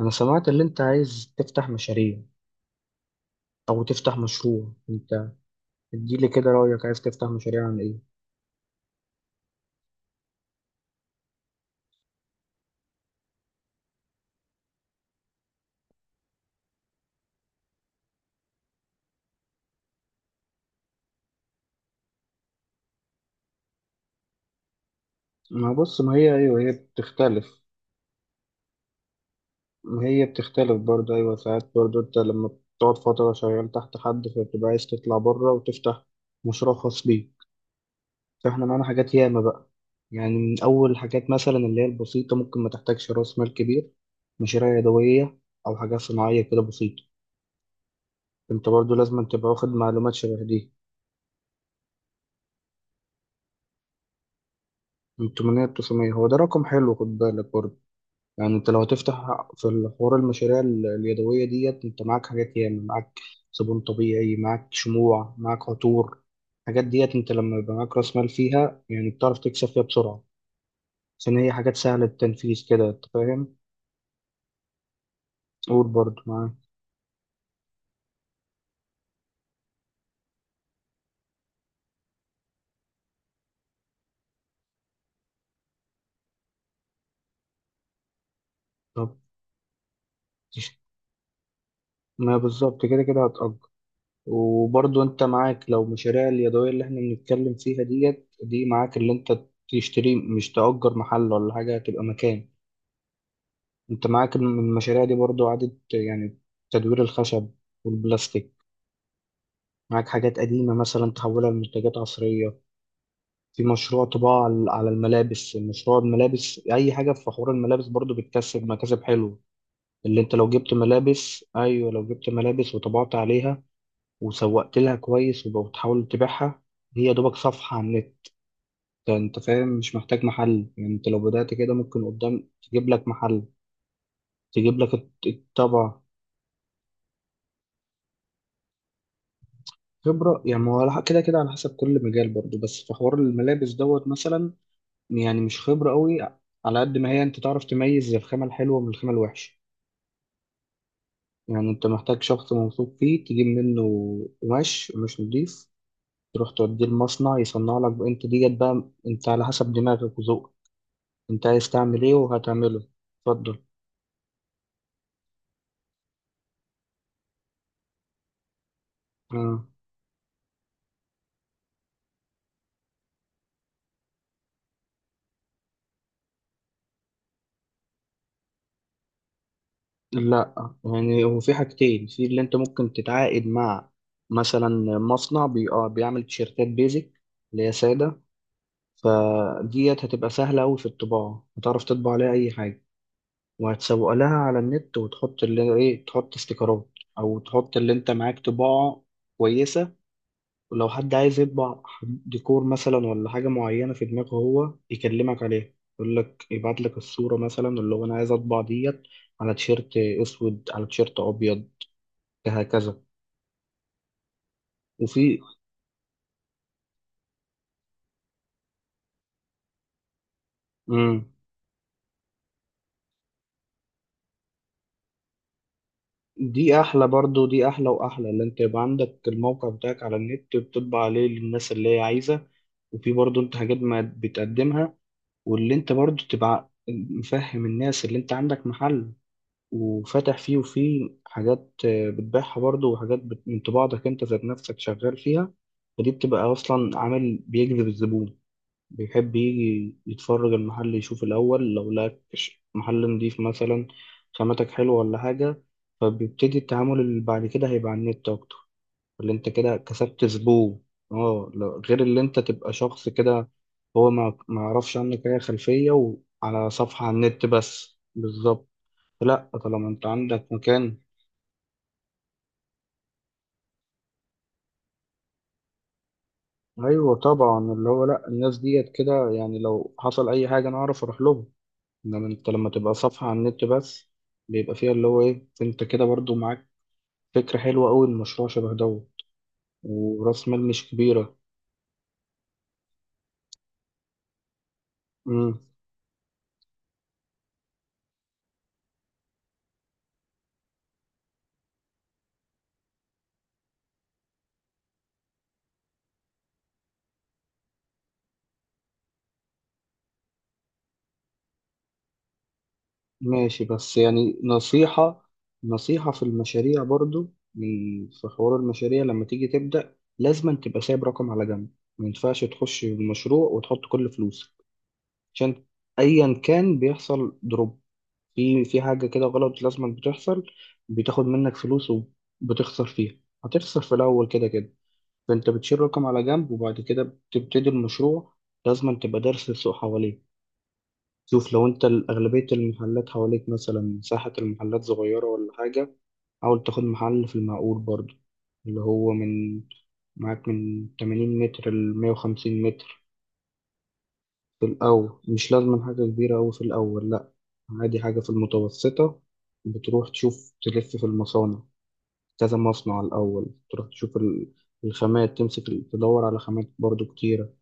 أنا سمعت اللي أنت عايز تفتح مشاريع أو تفتح مشروع أنت. اديلي كده رأيك، عايز تفتح مشاريع عن إيه؟ ما بص ما هي أيوه هي بتختلف. ما هي بتختلف برضه، أيوه ساعات برضه أنت لما بتقعد فترة شغال تحت حد فبتبقى عايز تطلع بره وتفتح مشروع خاص بيك. فإحنا معانا حاجات ياما بقى، يعني من أول حاجات مثلا اللي هي البسيطة ممكن ما تحتاجش رأس مال كبير، مشاريع يدوية أو حاجات صناعية كده بسيطة. أنت برضه لازم تبقى واخد معلومات شبه دي. من 800 900، هو ده رقم حلو، خد بالك برضه يعني انت لو هتفتح في الحوار المشاريع اليدويه ديت، انت معاك حاجات ياما، معاك صابون طبيعي، معاك شموع، معاك عطور. الحاجات ديت انت لما يبقى معاك راس مال فيها يعني بتعرف تكسب فيها بسرعه، عشان هي حاجات سهله التنفيذ كده انت فاهم. قول برضه معاك. طب تش- ما بالظبط كده كده هتأجر، وبرضه انت معاك لو مشاريع اليدويه اللي احنا بنتكلم فيها ديت، دي معاك اللي انت تشتري مش تأجر محل ولا حاجه، هتبقى مكان. انت معاك المشاريع دي برضو إعادة يعني تدوير الخشب والبلاستيك، معاك حاجات قديمة مثلا تحولها لمنتجات عصرية. في مشروع طباعة على على الملابس، مشروع الملابس، أي حاجة في حوار الملابس برضو بتكسب مكاسب حلوة. اللي انت لو جبت ملابس، أيوة لو جبت ملابس وطبعت عليها وسوقت لها كويس وبتحاول تبيعها، هي دوبك صفحة على النت، انت فاهم، مش محتاج محل. يعني انت لو بدأت كده ممكن قدام تجيب لك محل. تجيب لك الطبع. خبرة؟ يعني ما هو كده كده على حسب كل مجال برضو، بس في حوار الملابس دوت مثلا يعني مش خبرة قوي، على قد ما هي انت تعرف تميز الخامة الحلوة من الخامة الوحشة. يعني انت محتاج شخص موثوق فيه تجيب منه قماش مش نضيف، تروح توديه المصنع يصنع لك، انت ديت بقى انت على حسب دماغك وذوقك انت عايز تعمل ايه وهتعمله. اتفضل. آه. لا، يعني هو في حاجتين في اللي انت ممكن تتعاقد مع مثلا مصنع بي... آه، بيعمل تيشيرتات بيزك اللي هي سادة، فديت هتبقى سهلة أوي في الطباعة، هتعرف تطبع عليها أي حاجة وهتسوق لها على النت وتحط اللي إيه، تحط استيكرات أو تحط اللي أنت معاك طباعة كويسة. ولو حد عايز يطبع ديكور مثلا ولا حاجة معينة في دماغه هو يكلمك عليها، يقول لك يبعت لك الصورة مثلا اللي هو أنا عايز أطبع ديت على تيشيرت أسود على تيشيرت أبيض هكذا. وفي. مم. دي احلى برضو، دي احلى واحلى، اللي انت يبقى عندك الموقع بتاعك على النت بتطبع عليه للناس اللي هي عايزه، وفي برضو انت حاجات ما بتقدمها، واللي انت برضو تبقى مفهم الناس اللي انت عندك محل وفاتح فيه، وفيه حاجات آه، بتبيعها برضو، وحاجات من طباعتك انت ذات نفسك شغال فيها. فدي بتبقى اصلا عامل بيجذب الزبون، بيحب يجي يتفرج المحل، يشوف الأول لو لقى محل نضيف مثلا، خاماتك حلوة ولا حاجة، فبيبتدي التعامل اللي بعد كده هيبقى على النت أكتر، اللي أنت كده كسبت زبون. اه غير اللي أنت تبقى شخص كده هو ما يعرفش عنك أي خلفية وعلى صفحة على النت بس، بالظبط. لا طالما أنت عندك مكان، أيوة طبعا اللي هو لا، الناس ديت كده يعني لو حصل أي حاجة أنا أعرف أروح لهم. انما انت لما تبقى صفحة على النت بس بيبقى فيها اللي هو ايه، انت كده برضو معاك فكرة حلوة قوي، المشروع شبه دوت وراس مال مش كبيرة. امم، ماشي، بس يعني نصيحة، نصيحة في المشاريع برضو، من في حوار المشاريع لما تيجي تبدأ لازم تبقى سايب رقم على جنب. ما ينفعش تخش المشروع وتحط كل فلوسك، عشان ايا كان بيحصل دروب في حاجة كده غلط لازم بتحصل، بتاخد منك فلوس وبتخسر فيها، هتخسر في الأول كده كده. فانت بتشيل رقم على جنب وبعد كده بتبتدي المشروع. لازم تبقى دارس السوق حواليك، شوف لو انت اغلبيه المحلات حواليك مثلا مساحه المحلات صغيره ولا حاجه، حاول تاخد محل في المعقول برضو، اللي هو من معاك من 80 متر ل 150 متر. في الاول مش لازم حاجه كبيره أوي، في الاول لا، عادي حاجه في المتوسطه. بتروح تشوف تلف في المصانع، كذا مصنع الاول، تروح تشوف الخامات، تمسك تدور على خامات برضو كتيره.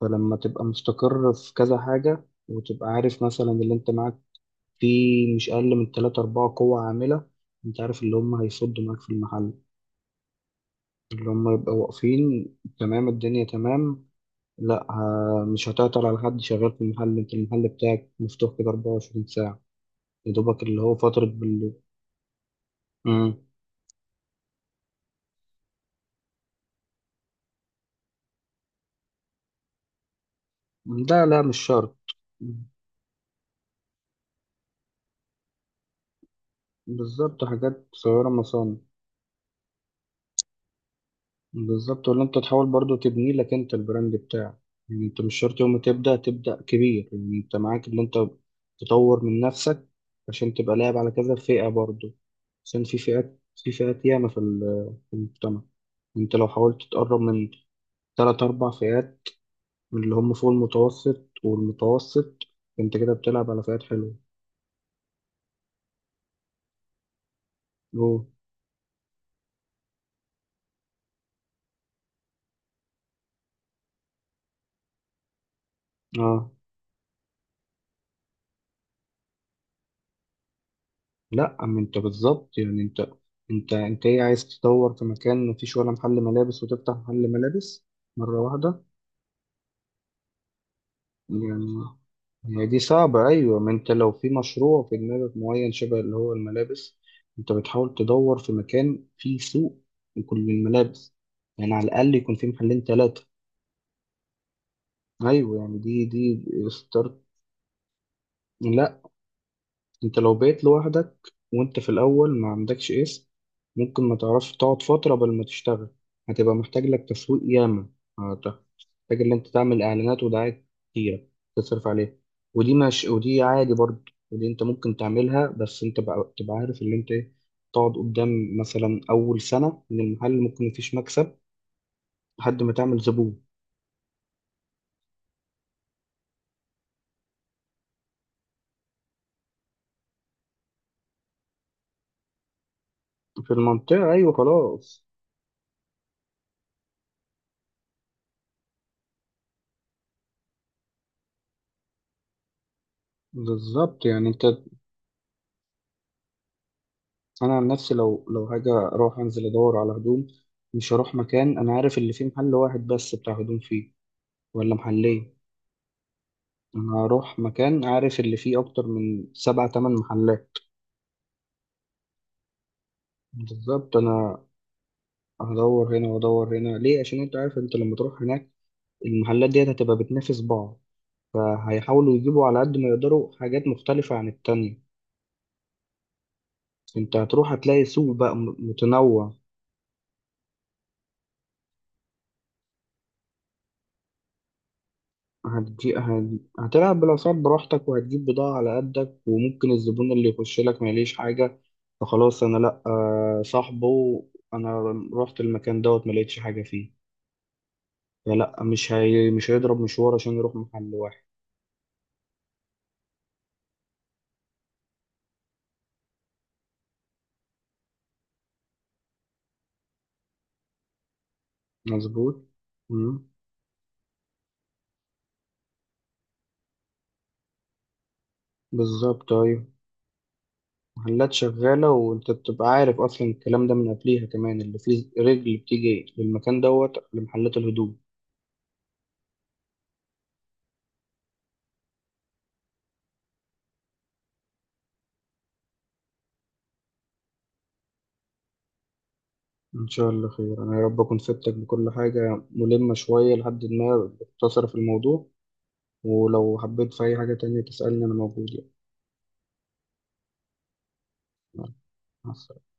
فلما تبقى مستقر في كذا حاجة وتبقى عارف مثلا اللي انت معاك فيه مش أقل من تلاتة أربعة قوة عاملة انت عارف اللي هم هيصدوا معاك في المحل، اللي هم يبقوا واقفين تمام، الدنيا تمام، لا مش هتعطل على حد شغال في المحل، انت المحل بتاعك مفتوح كده 24 ساعة، يا دوبك اللي هو فترة بالليل. مم. لا لا مش شرط. مم. بالظبط، حاجات صغيرة مثلا. بالظبط، ولا انت تحاول برضو تبني لك انت البراند بتاعك. يعني انت مش شرط يوم ما تبدا تبدا كبير، يعني انت معاك ان انت تطور من نفسك عشان تبقى لاعب على كذا فئه برضو، عشان في فئات، في فئات ياما في في المجتمع. انت لو حاولت تقرب من ثلاث اربع فئات من اللي هم فوق المتوسط والمتوسط، انت كده بتلعب على فئات حلوه. أوه. اه لا، اما انت بالظبط يعني انت، انت ايه، عايز تدور في مكان مفيش ولا محل ملابس وتفتح محل ملابس مرة واحدة؟ يعني هي دي صعبة أيوة، ما أنت لو في مشروع في دماغك معين شبه اللي هو الملابس أنت بتحاول تدور في مكان فيه سوق لكل الملابس، يعني على الأقل يكون في محلين تلاتة. أيوة يعني دي دي ستارت. لا انت لو بقيت لوحدك وانت في الاول ما عندكش اسم ممكن ما تعرفش تقعد فترة قبل ما تشتغل، هتبقى محتاج لك تسويق ياما، هت- محتاج ان انت تعمل اعلانات ودعايات كتيرة تصرف عليها. ودي مش، ودي عادي برضه، ودي انت ممكن تعملها، بس انت بقى تبقى عارف ان انت ايه، تقعد قدام مثلا اول سنة من المحل ممكن مفيش مكسب، لحد ما تعمل زبون. في المنطقة ايوه خلاص. بالظبط يعني انت، انا عن نفسي لو حاجه اروح انزل ادور على هدوم، مش هروح مكان انا عارف اللي فيه محل واحد بس بتاع هدوم فيه ولا محلين، انا هروح مكان عارف اللي فيه اكتر من سبع تمن محلات. بالظبط، انا هدور هنا وادور هنا ليه، عشان انت عارف انت لما تروح هناك المحلات ديت هتبقى بتنافس بعض، فهيحاولوا يجيبوا على قد ما يقدروا حاجات مختلفه عن التانية. انت هتروح هتلاقي سوق بقى متنوع. هتلعب بالأسعار براحتك وهتجيب بضاعة على قدك وممكن الزبون اللي يخش لك ما يليش حاجة، فخلاص أنا لأ، آه، صاحبه، أنا رحت المكان دوت ما لقيتش حاجة فيه، فلأ مش هيضرب مشوار عشان يروح محل واحد. مظبوط. مم. بالظبط أيوة، محلات شغالة وأنت بتبقى عارف أصلا الكلام ده من قبليها، كمان اللي فيه رجل بتيجي للمكان دوت لمحلات الهدوم. إن شاء الله خير، أنا يا رب أكون فدتك بكل حاجة ملمة شوية لحد ما اختصر في الموضوع، ولو حبيت في أي حاجة تانية تسألني أنا موجود يعني. مع السلامة.